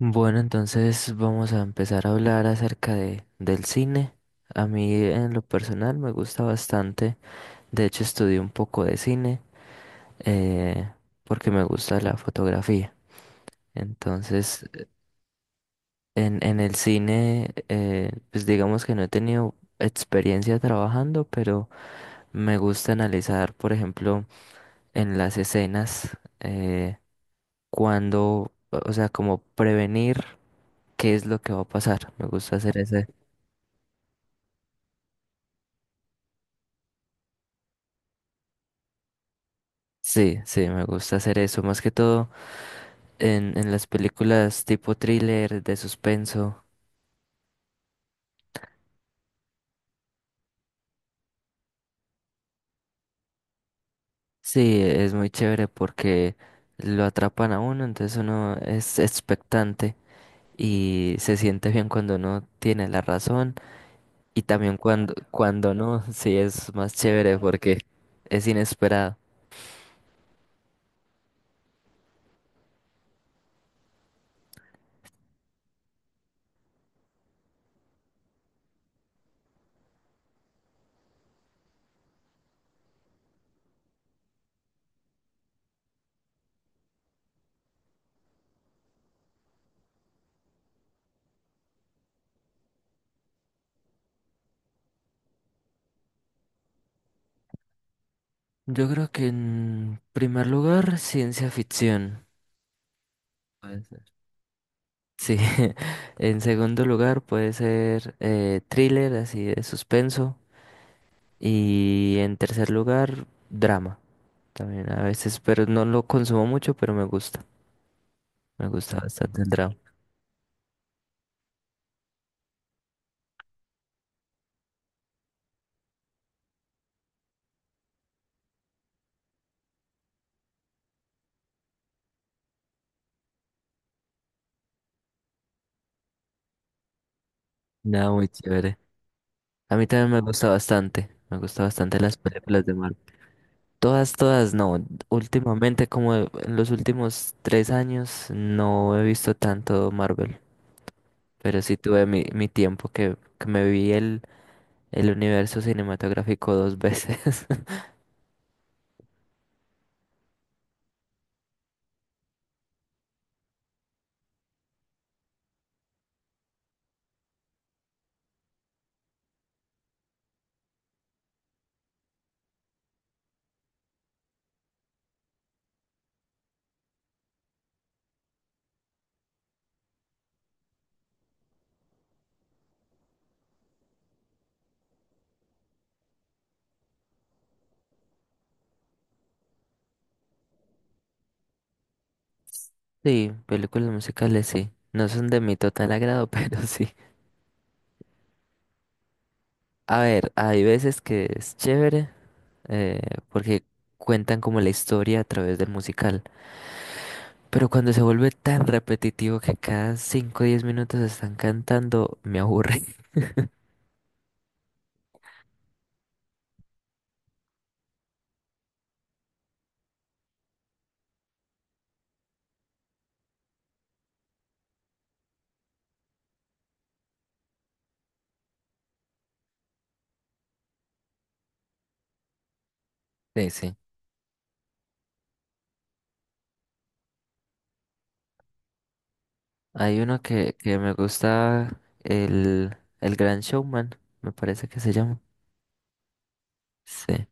Bueno, entonces vamos a empezar a hablar acerca del cine. A mí en lo personal me gusta bastante. De hecho, estudié un poco de cine, eh, porque me gusta la fotografía. Entonces, en el cine, pues digamos que no he tenido experiencia trabajando, pero me gusta analizar, por ejemplo, en las escenas, cuando, o sea, como prevenir qué es lo que va a pasar. Me gusta hacer ese. Sí, sí, me gusta hacer eso, más que todo en las películas tipo thriller, de suspenso. Sí, es muy chévere porque lo atrapan a uno, entonces uno es expectante y se siente bien cuando uno tiene la razón y también cuando, no, sí es más chévere porque es inesperado. Yo creo que en primer lugar, ciencia ficción. Pues, sí. en segundo lugar puede ser thriller, así de suspenso. Y en tercer lugar, drama también a veces, pero no lo consumo mucho, pero me gusta. Me gusta bastante el drama. Nada, muy chévere. A mí también me gusta bastante. Me gusta bastante las películas de Marvel. Todas, todas no. Últimamente, como en los últimos 3 años, no he visto tanto Marvel. Pero sí tuve mi tiempo que me vi el universo cinematográfico dos veces. Sí, películas musicales sí. No son de mi total agrado, pero sí. A ver, hay veces que es chévere, eh, porque cuentan como la historia a través del musical. Pero cuando se vuelve tan repetitivo que cada cinco o 10 minutos están cantando, me aburre. Sí, sí. Hay uno que me gusta, el Gran Showman, me parece que se llama. Sí.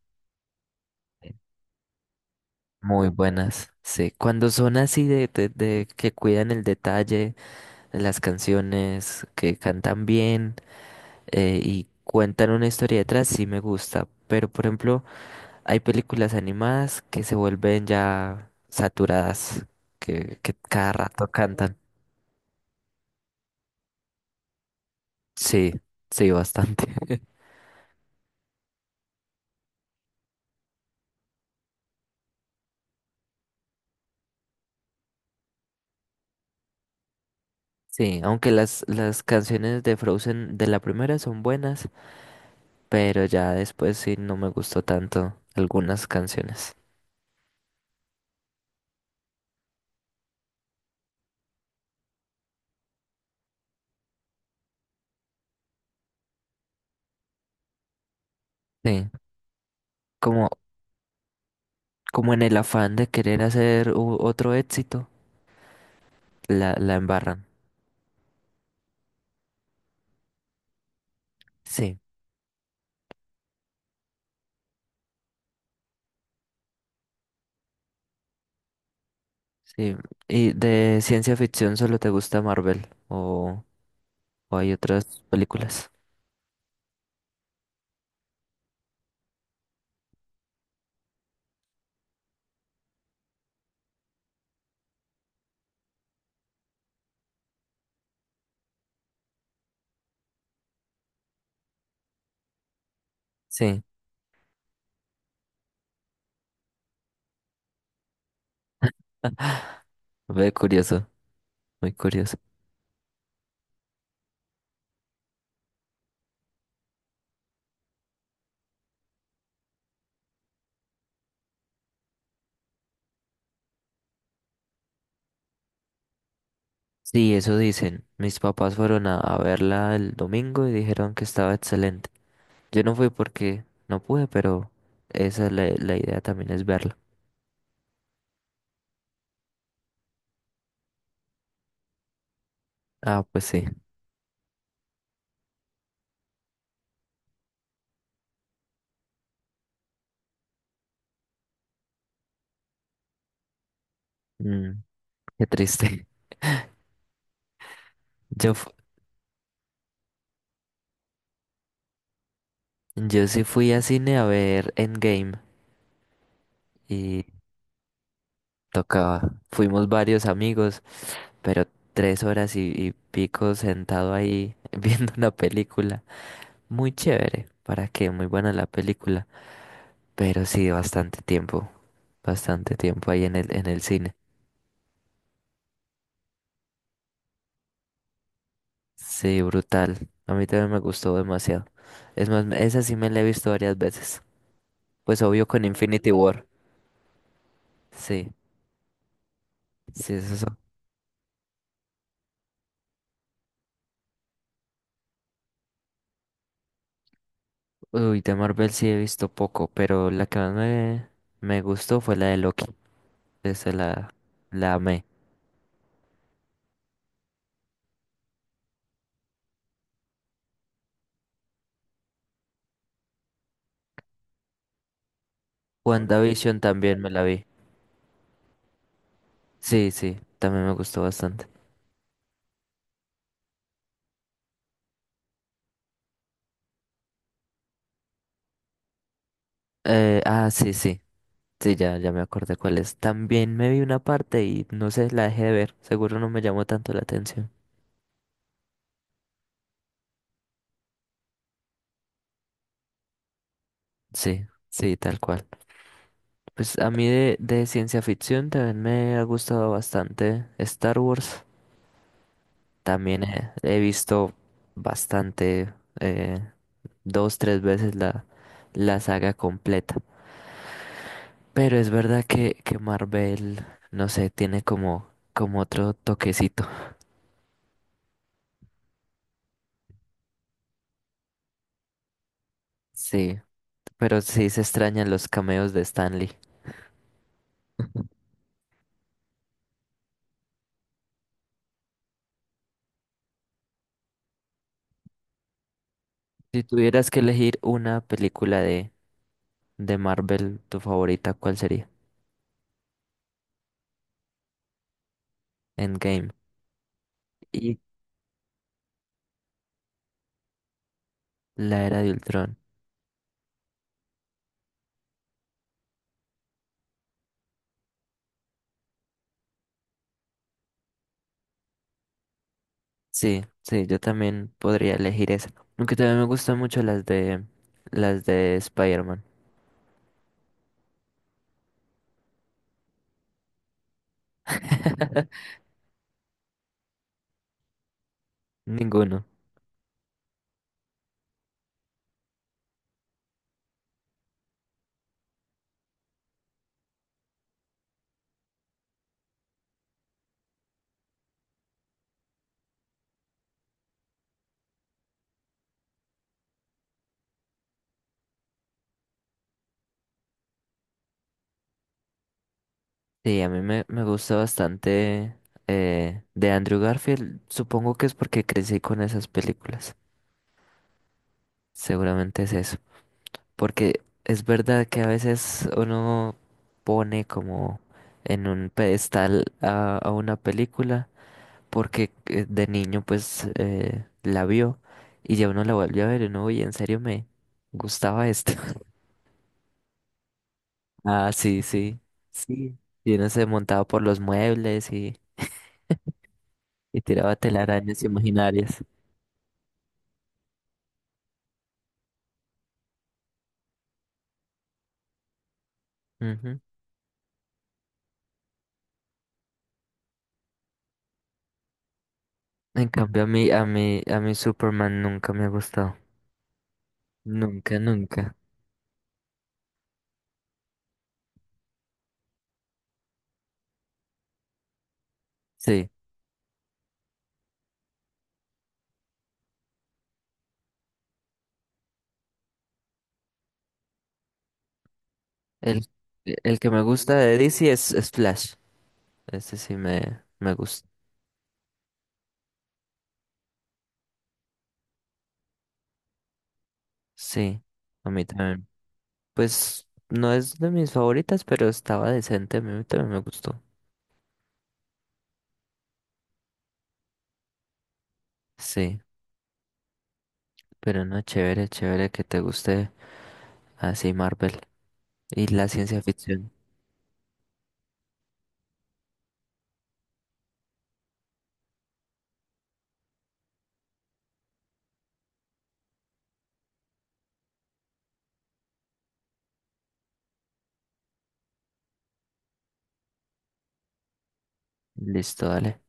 Muy buenas, sí. Cuando son así de que cuidan el detalle, las canciones, que cantan bien, y cuentan una historia detrás, sí me gusta. Pero por ejemplo, hay películas animadas que se vuelven ya saturadas, que cada rato cantan. Sí, sí, bastante. Sí, aunque las canciones de Frozen de la primera son buenas, pero ya después sí no me gustó tanto algunas canciones. Sí. Como como en el afán de querer hacer otro éxito, la embarran. Sí, sí. ¿Y de ciencia ficción solo te gusta Marvel o hay otras películas? Sí, ve curioso, muy curioso. Sí, eso dicen. Mis papás fueron a verla el domingo y dijeron que estaba excelente. Yo no fui porque no pude, pero esa es la idea, también es verla. Ah, pues sí. Mm, qué triste. Yo, fu- yo sí fui a cine a ver Endgame. Tocaba. Fuimos varios amigos, pero 3 horas y pico sentado ahí viendo una película. Muy chévere, ¿para qué? Muy buena la película. Pero sí, bastante tiempo ahí en el cine. Sí, brutal. A mí también me gustó demasiado. Es más, esa sí me la he visto varias veces. Pues obvio con Infinity War. Sí, sí, es eso. Uy, de Marvel sí he visto poco, pero la que más me gustó fue la de Loki. Esa la amé. WandaVision también me la vi. Sí, sí, también me gustó bastante. Ah, sí, sí, sí, ya me acordé cuál es. También me vi una parte y no sé, la dejé de ver. Seguro no me llamó tanto la atención. Sí, sí, tal cual. Pues a mí de ciencia ficción también me ha gustado bastante Star Wars. También he visto bastante, eh, dos, tres veces la saga completa. Pero es verdad que Marvel, no sé, tiene como otro toquecito. Sí, pero sí se extrañan los cameos de Stanley. Si tuvieras que elegir una película de Marvel, tu favorita, ¿cuál sería? Endgame y La Era de Ultron. Sí, sí, yo también podría elegir esa. Aunque también me gustan mucho las de Spider-Man. Ninguno. Sí, a mí me gusta bastante, de Andrew Garfield. Supongo que es porque crecí con esas películas. Seguramente es eso. Porque es verdad que a veces uno pone como en un pedestal a una película porque, de niño, pues la vio, y ya uno la vuelve a ver y uno, oye, en serio me gustaba esto. Ah, sí, sí, sí. Y uno se montaba por los muebles y tiraba telarañas imaginarias. Ujú. En cambio, a mí Superman nunca me ha gustado. Nunca, nunca. Sí. El, el que me gusta de DC es Flash. Ese sí me gusta. Sí, a mí también. Pues no es de mis favoritas, pero estaba decente. A mí también me gustó. Sí, pero no, chévere, chévere que te guste así Marvel y la ciencia ficción. Listo, dale.